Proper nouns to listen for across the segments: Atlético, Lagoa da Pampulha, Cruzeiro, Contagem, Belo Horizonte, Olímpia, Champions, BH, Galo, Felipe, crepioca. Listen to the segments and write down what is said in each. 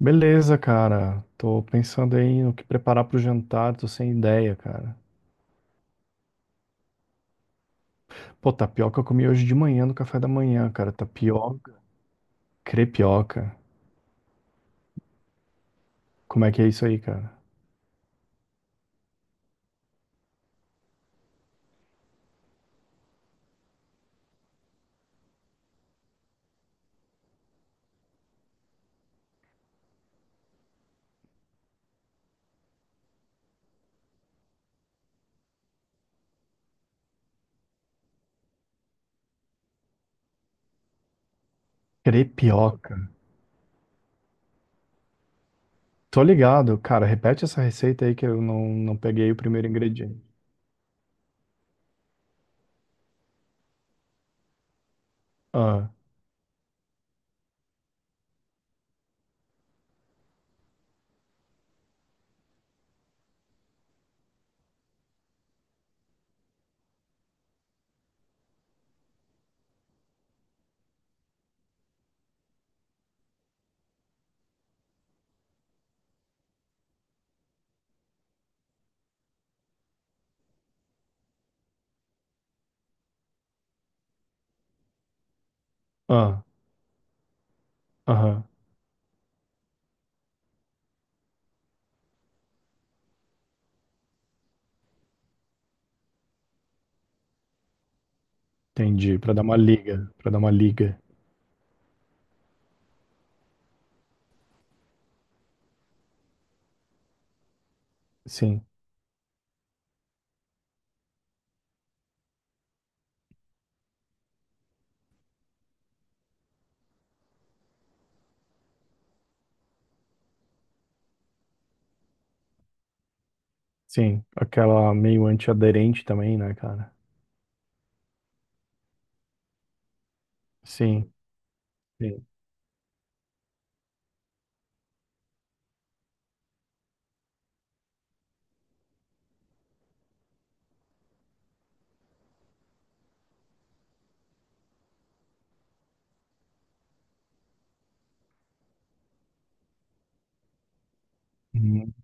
Beleza, cara. Tô pensando aí no que preparar pro jantar, tô sem ideia, cara. Pô, tapioca eu comi hoje de manhã no café da manhã, cara. Tapioca, crepioca. Como é que é isso aí, cara? Crepioca. Tô ligado, cara. Repete essa receita aí que eu não peguei o primeiro ingrediente. Ah, ah, aham. Entendi. Pra dar uma liga, pra dar uma liga. Sim, sim. Aquela meio antiaderente também, né, cara? Sim, sim. Uhum.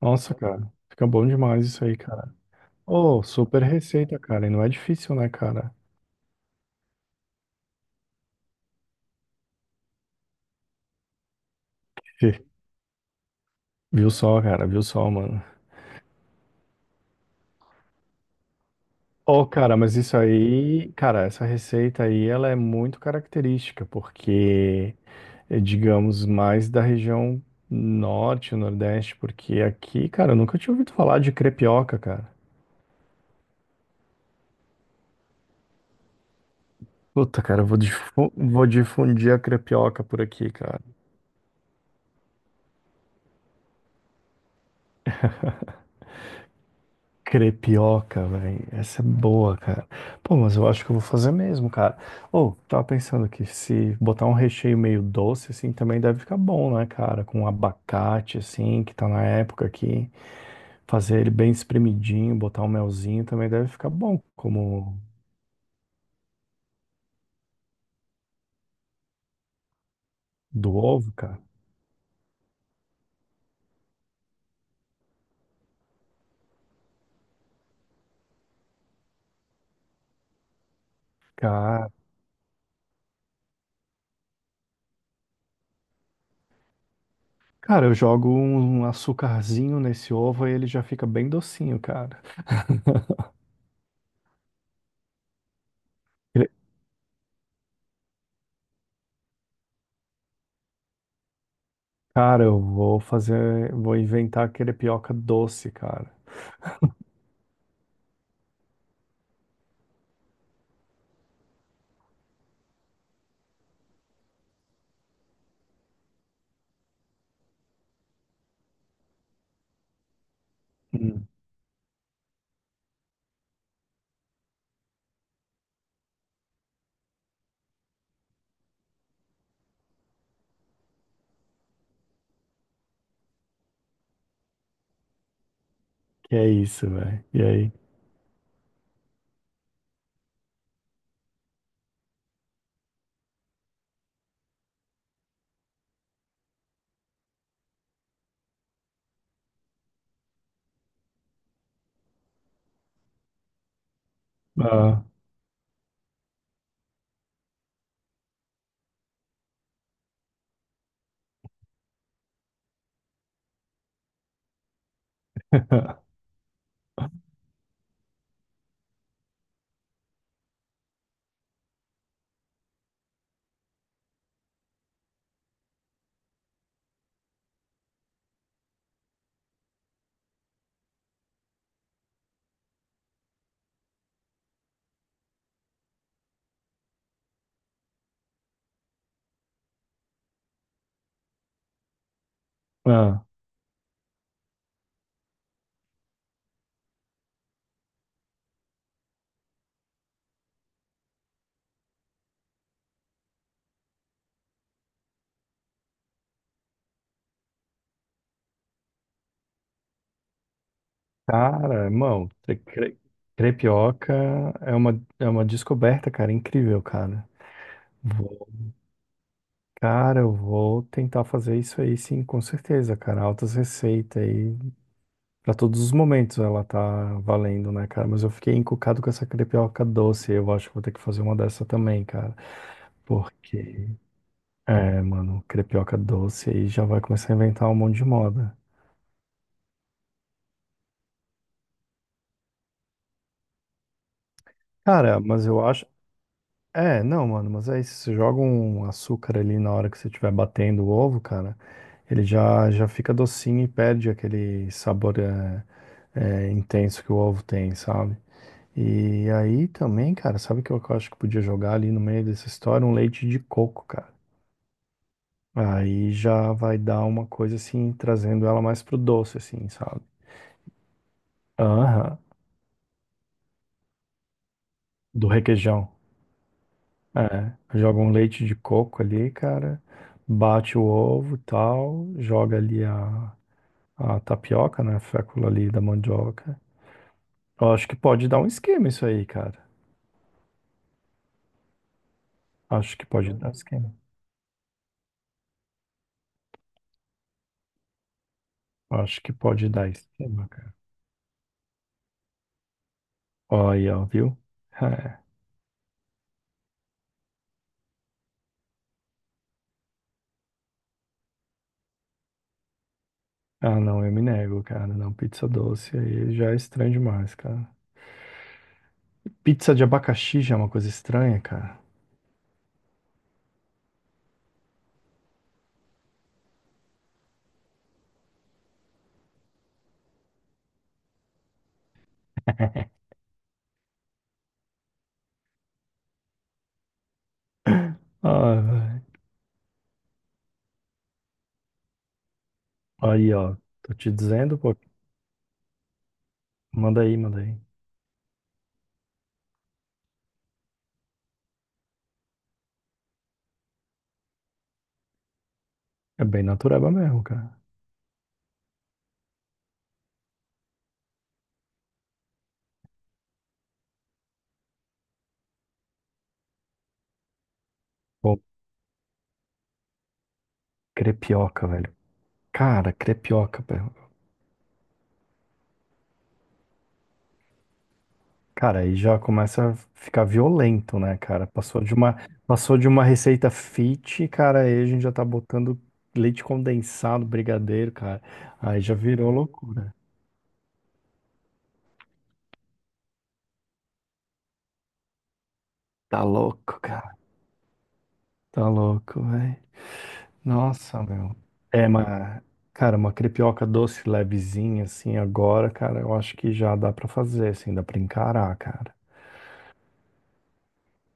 Nossa, cara. Fica bom demais isso aí. Ô, super receita, cara. E não é difícil, né, cara? Viu só, cara? Viu só, mano? Ô, cara, mas isso aí, cara, essa receita aí, ela é muito característica, porque, digamos, mais da região norte, nordeste, porque aqui, cara, eu nunca tinha ouvido falar de crepioca, cara. Puta, cara, vou difundir a crepioca por aqui, cara. Crepioca, velho. Essa é boa, cara. Pô, mas eu acho que eu vou fazer mesmo, cara. Ou, tava pensando que se botar um recheio meio doce, assim, também deve ficar bom, né, cara? Com abacate, assim, que tá na época aqui. Fazer ele bem espremidinho, botar um melzinho também deve ficar bom, como do ovo, cara. Cara, cara, eu jogo um açucarzinho nesse ovo e ele já fica bem docinho, cara. Cre- Cara, eu vou fazer, vou inventar crepioca doce, cara. Hum. Que é isso, velho? E aí? Ah, ah. Cara, irmão, crepioca é uma descoberta, cara, incrível, cara. Vou- cara, eu vou tentar fazer isso aí, sim, com certeza, cara. Altas receitas aí. Pra todos os momentos ela tá valendo, né, cara? Mas eu fiquei encucado com essa crepioca doce. Eu acho que vou ter que fazer uma dessa também, cara. Porque, mano, crepioca doce aí já vai começar a inventar um monte de moda. Cara, mas eu acho. É, não, mano, mas aí se você joga um açúcar ali na hora que você estiver batendo o ovo, cara, ele já fica docinho e perde aquele sabor intenso que o ovo tem, sabe? E aí também, cara, sabe o que eu acho que podia jogar ali no meio dessa história? Um leite de coco, cara. Aí já vai dar uma coisa assim, trazendo ela mais pro doce, assim, sabe? Aham, do requeijão. É, joga um leite de coco ali, cara, bate o ovo, tal, joga ali a tapioca, né, a fécula ali da mandioca. Eu acho que pode dar um esquema isso aí, cara. Acho que pode dar um esquema. Acho que pode dar esquema, cara. Ó, aí, ó, viu? É. Ah, não, eu me nego, cara. Não, pizza doce aí já é estranho demais, cara. Pizza de abacaxi já é uma coisa estranha, cara. Ah, velho. Aí, ó, tô te dizendo, pô, manda aí, manda aí. É bem natureba mesmo, cara. Crepioca, velho. Cara, crepioca, velho. Cara, aí já começa a ficar violento, né, cara? Passou de uma receita fit, cara, aí a gente já tá botando leite condensado, brigadeiro, cara. Aí já virou loucura. Tá louco, cara. Tá louco, velho. Nossa, meu. É, mas, cara, uma crepioca doce, levezinha, assim, agora, cara, eu acho que já dá pra fazer, assim, dá pra encarar, cara.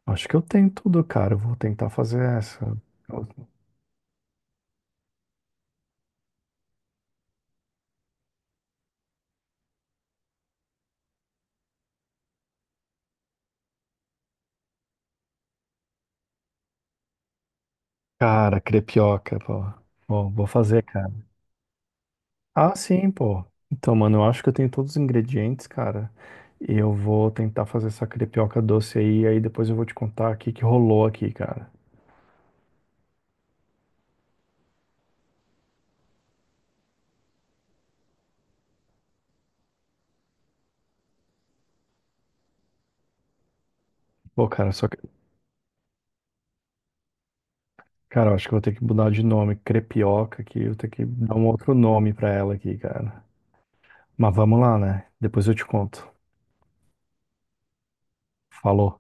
Acho que eu tenho tudo, cara. Eu vou tentar fazer essa. Cara, crepioca, pô. Bom, vou fazer, cara. Ah, sim, pô. Então, mano, eu acho que eu tenho todos os ingredientes, cara. E eu vou tentar fazer essa crepioca doce aí, aí depois eu vou te contar o que que rolou aqui, cara. Pô, cara, só que, cara, eu acho que eu vou ter que mudar de nome, crepioca, que eu tenho que dar um outro nome pra ela aqui, cara. Mas vamos lá, né? Depois eu te conto. Falou.